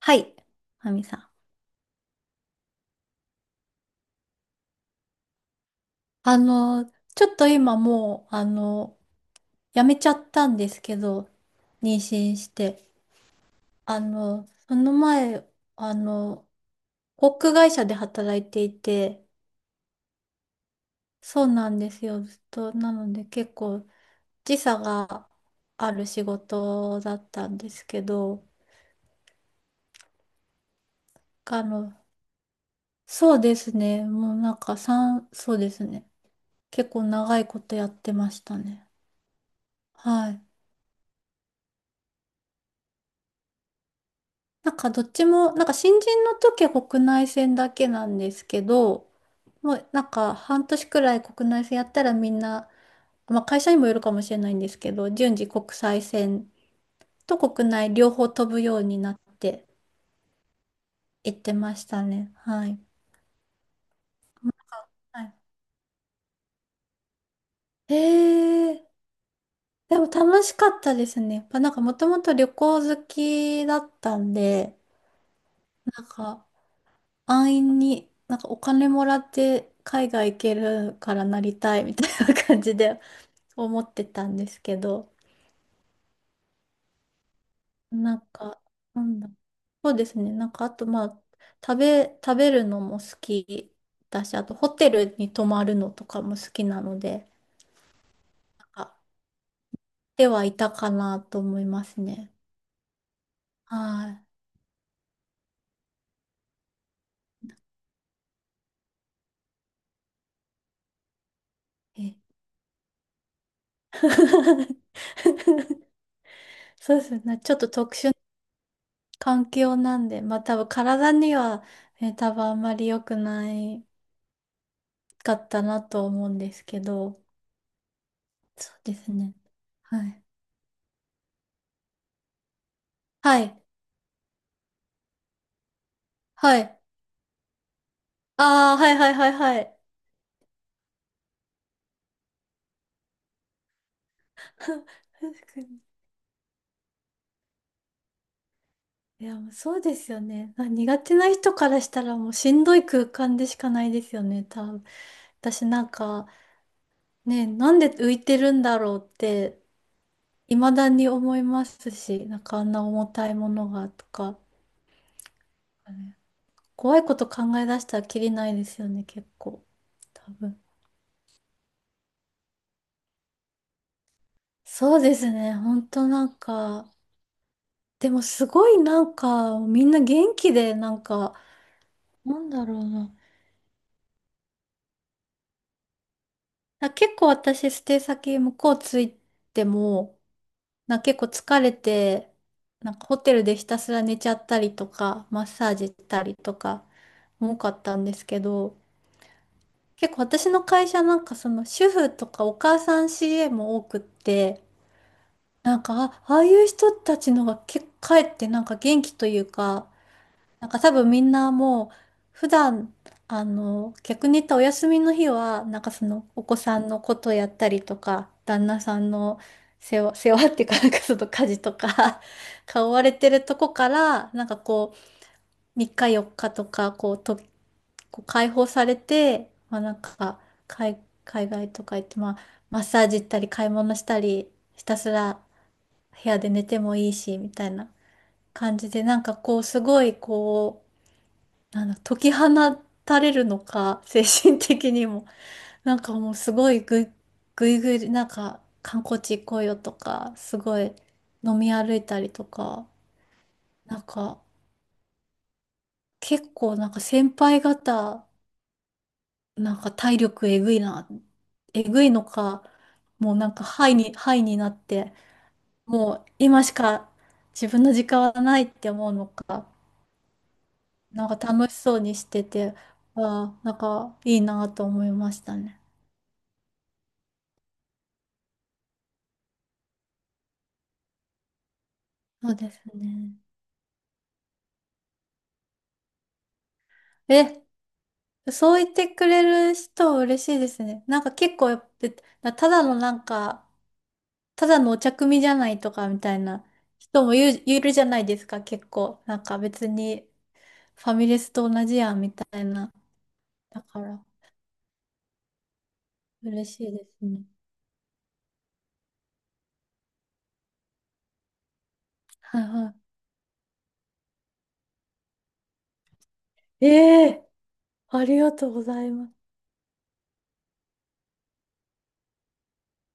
はい、ハミさん。あの、ちょっと今もう、やめちゃったんですけど、妊娠して。その前、あの、航空会社で働いていて、そうなんですよ、ずっと。なので結構時差がある仕事だったんですけど、あの、そうですね、もうなんか3、そうですね、結構長いことやってましたね。はい。なんかどっちも、なんか新人の時は国内線だけなんですけど、もうなんか半年くらい国内線やったらみんな、まあ会社にもよるかもしれないんですけど、順次国際線と国内両方飛ぶようになって行ってましたね。はい。はい。へえ、でも楽しかったですね。やっぱなんかもともと旅行好きだったんで、なんか安易になんかお金もらって海外行けるからなりたいみたいな感じで思ってたんですけど、なんか、なんだ、そうですね、なんかあとまあ、食べるのも好きだし、あとホテルに泊まるのとかも好きなので、なんか、ではいたかなと思いますね。はい。え そうですね、ちょっと特殊な環境なんで、まあ多分体には、ね、多分あんまり良くないかったなと思うんですけど、そうですね。はい。はい。はい。ああ、はいはいはいはい。確かに。いや、もうそうですよね。まあ苦手な人からしたらもうしんどい空間でしかないですよね、多分。私なんか、ね、なんで浮いてるんだろうって、未だに思いますし、なんかあんな重たいものがとか、ね、怖いこと考え出したらきりないですよね、結構。多分。そうですね、本当なんか、でもすごいなんか、みんな元気で、なんか、なんだろうな。あ、結構私、ステイ先向こう着いても、な、結構疲れて、なんかホテルでひたすら寝ちゃったりとか、マッサージしたりとか、多かったんですけど、結構私の会社なんかその主婦とかお母さん CA も多くって、なんか、あ、ああいう人たちのが結構帰ってなんか元気というか、なんか多分みんなもう普段、逆に言ったお休みの日はなんかそのお子さんのことやったりとか旦那さんの世話、世話っていうかなんかその家事とか 顔われてるとこからなんかこう3日4日とかこうとこう解放されて、まあ、なんか海、海外とか行って、まあ、マッサージ行ったり買い物したりひたすら部屋で寝てもいいしみたいな感じでなんかこうすごいこう。なんだ、解き放たれるのか、精神的にも。なんかもうすごいぐいぐい、なんか観光地行こうよとか、すごい飲み歩いたりとか、なんか結構なんか先輩方、なんか体力えぐいな、えぐいのか、もうなんかハイになって、もう今しか自分の時間はないって思うのか、なんか楽しそうにしてて、ああ、なんかいいなと思いましたね。そうですね。え、そう言ってくれる人嬉しいですね。なんか結構やっぱ、ただのなんか、ただのお茶組じゃないとかみたいな人もいる、いるじゃないですか、結構。なんか別にファミレスと同じやんみたいな。だから嬉しいですね。はいはい。ええ、ありがとうございます。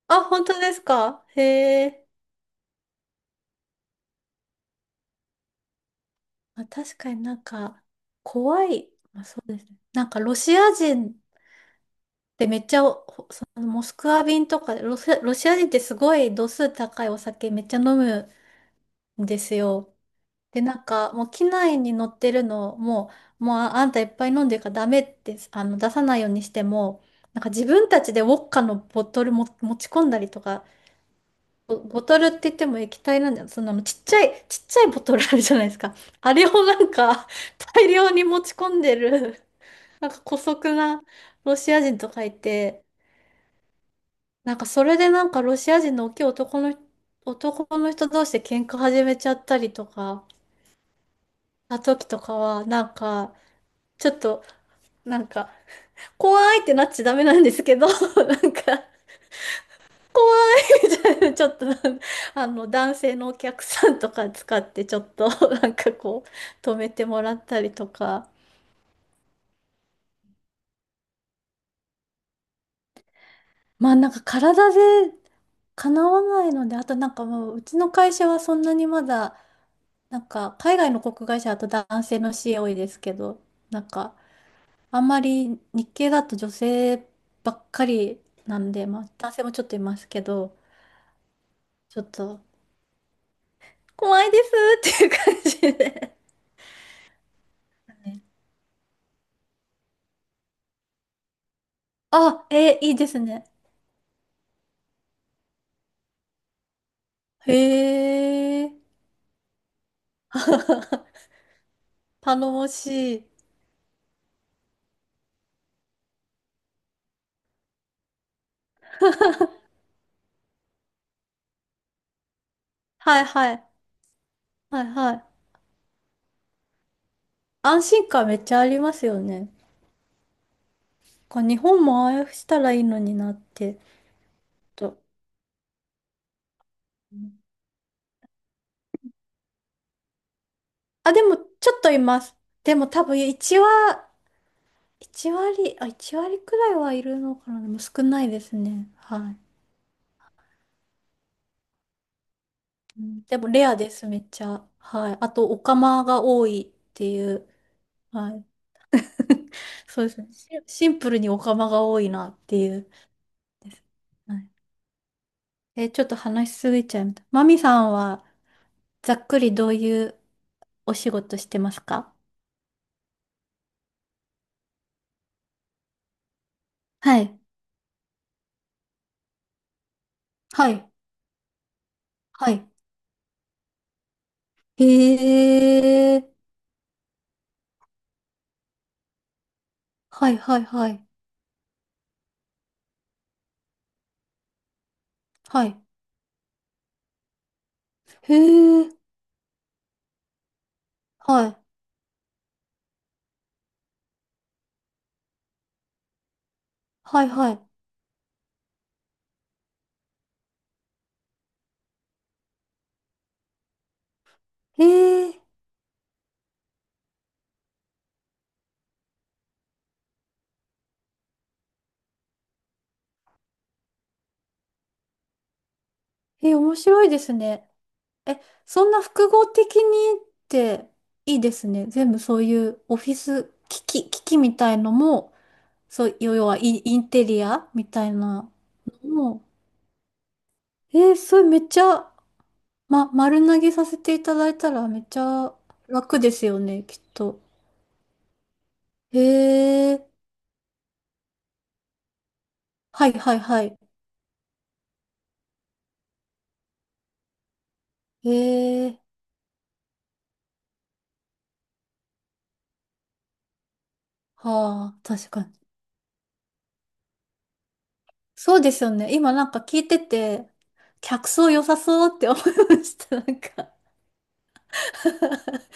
あ、本当ですか、へえ。まあ、確かになんか、怖い。まあ、そうですね。なんかロシア人で、めっちゃお、そのモスクワ便とか、ロシア人ってすごい度数高いお酒めっちゃ飲むんですよ。で、なんか、もう機内に乗ってるの、もうああんたいっぱい飲んでるからダメって、出さないようにしても、なんか自分たちでウォッカのボトルも持ち込んだりとか、ボトルって言っても液体なんだよ。そんなのちっちゃいボトルあるじゃないですか。あれをなんか、大量に持ち込んでる、なんか姑息なロシア人とかいて、なんかそれでなんかロシア人の大きい男の人同士で喧嘩始めちゃったりとか、した時とかは、なんか、ちょっと、なんか、怖いってなっちゃダメなんですけど、なんか、ちょっと、男性のお客さんとか使って、ちょっと、なんかこう、止めてもらったりとか、まあなんか体で叶わないので、あとなんかもう、うちの会社はそんなにまだ、なんか、海外の航空会社だと男性の CA 多いですけど、なんか、あんまり日系だと女性ばっかりなんで、まあ男性もちょっといますけど、ちょっと怖いですっていう感じで。ね、あ、いいですね。へえ。頼もしい。はいはい。はいはい。安心感めっちゃありますよね。こう日本もああいうふうしたらいいのになって。と。あ、でもちょっといます。でも多分1は1割、あ、1割くらいはいるのかな。でも少ないですね。はい。うん、でもレアです、めっちゃ。はい。あと、オカマが多いっていう。はい。そうですね。シンプルにオカマが多いなっていうです。はい。え、ちょっと話しすぎちゃいました。マミさんは、ざっくりどういうお仕事してますか？はい。はい。はい。へえ。はいはいはい。はい。へえ。はい。はいはい。えー、え、面白いですね。え、そんな複合的にっていいですね。全部そういうオフィス機器、機器みたいのも、そう、要はインテリアみたいなのも、えー、それめっちゃ、ま、丸投げさせていただいたらめっちゃ楽ですよね、きっと。えー、はいはいはい。えー、はあ、確かに。そうですよね。今なんか聞いてて、客層良さそうって思いました。なんか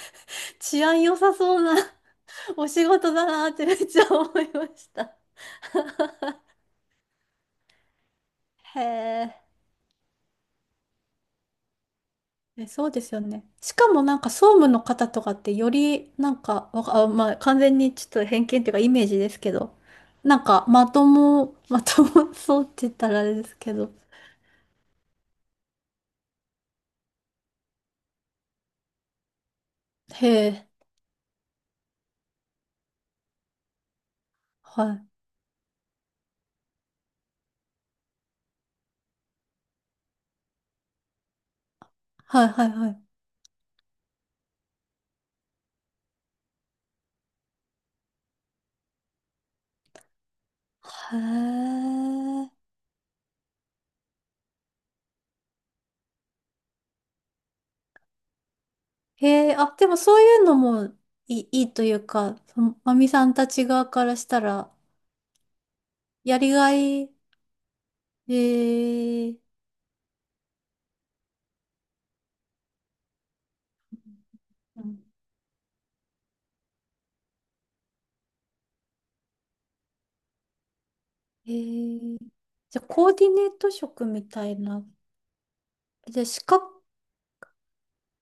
治安良さそうなお仕事だなってめっちゃ思いました。へえ。え、そうですよね。しかもなんか総務の方とかってよりなんか、わかあ、まあ完全にちょっと偏見っていうかイメージですけど、なんかまともそうって言ったらあれですけど。へえ。はい。はいはいはい。へえ。へえ、あ、でもそういうのもいいというか、その、まみさんたち側からしたら、やりがい、へえ、うん、へえ、じゃあ、コーディネート職みたいな。じゃあ、資格、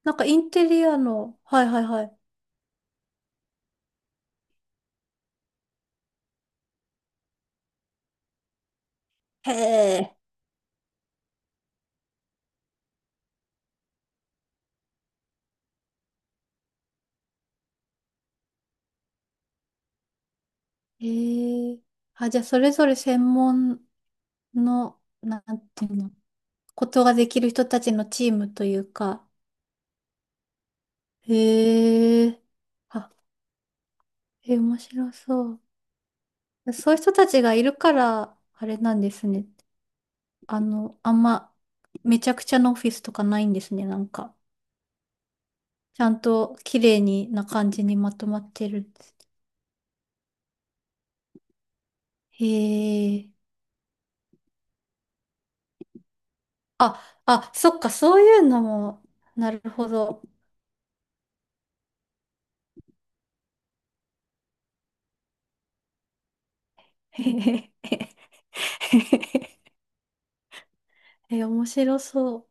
なんかインテリアの、はいはいはい。へえ、へえ、あ、じゃあ、それぞれ専門の、なんていうの、ことができる人たちのチームというか、へえ、あ、え、面白そう。そういう人たちがいるから、あれなんですね。あの、あんま、めちゃくちゃなオフィスとかないんですね、なんか。ちゃんと綺麗にな感じにまとまってるんです。へえ。あ、あ、そっか、そういうのも、なるほど。へへへへへ、へえ、面白そう。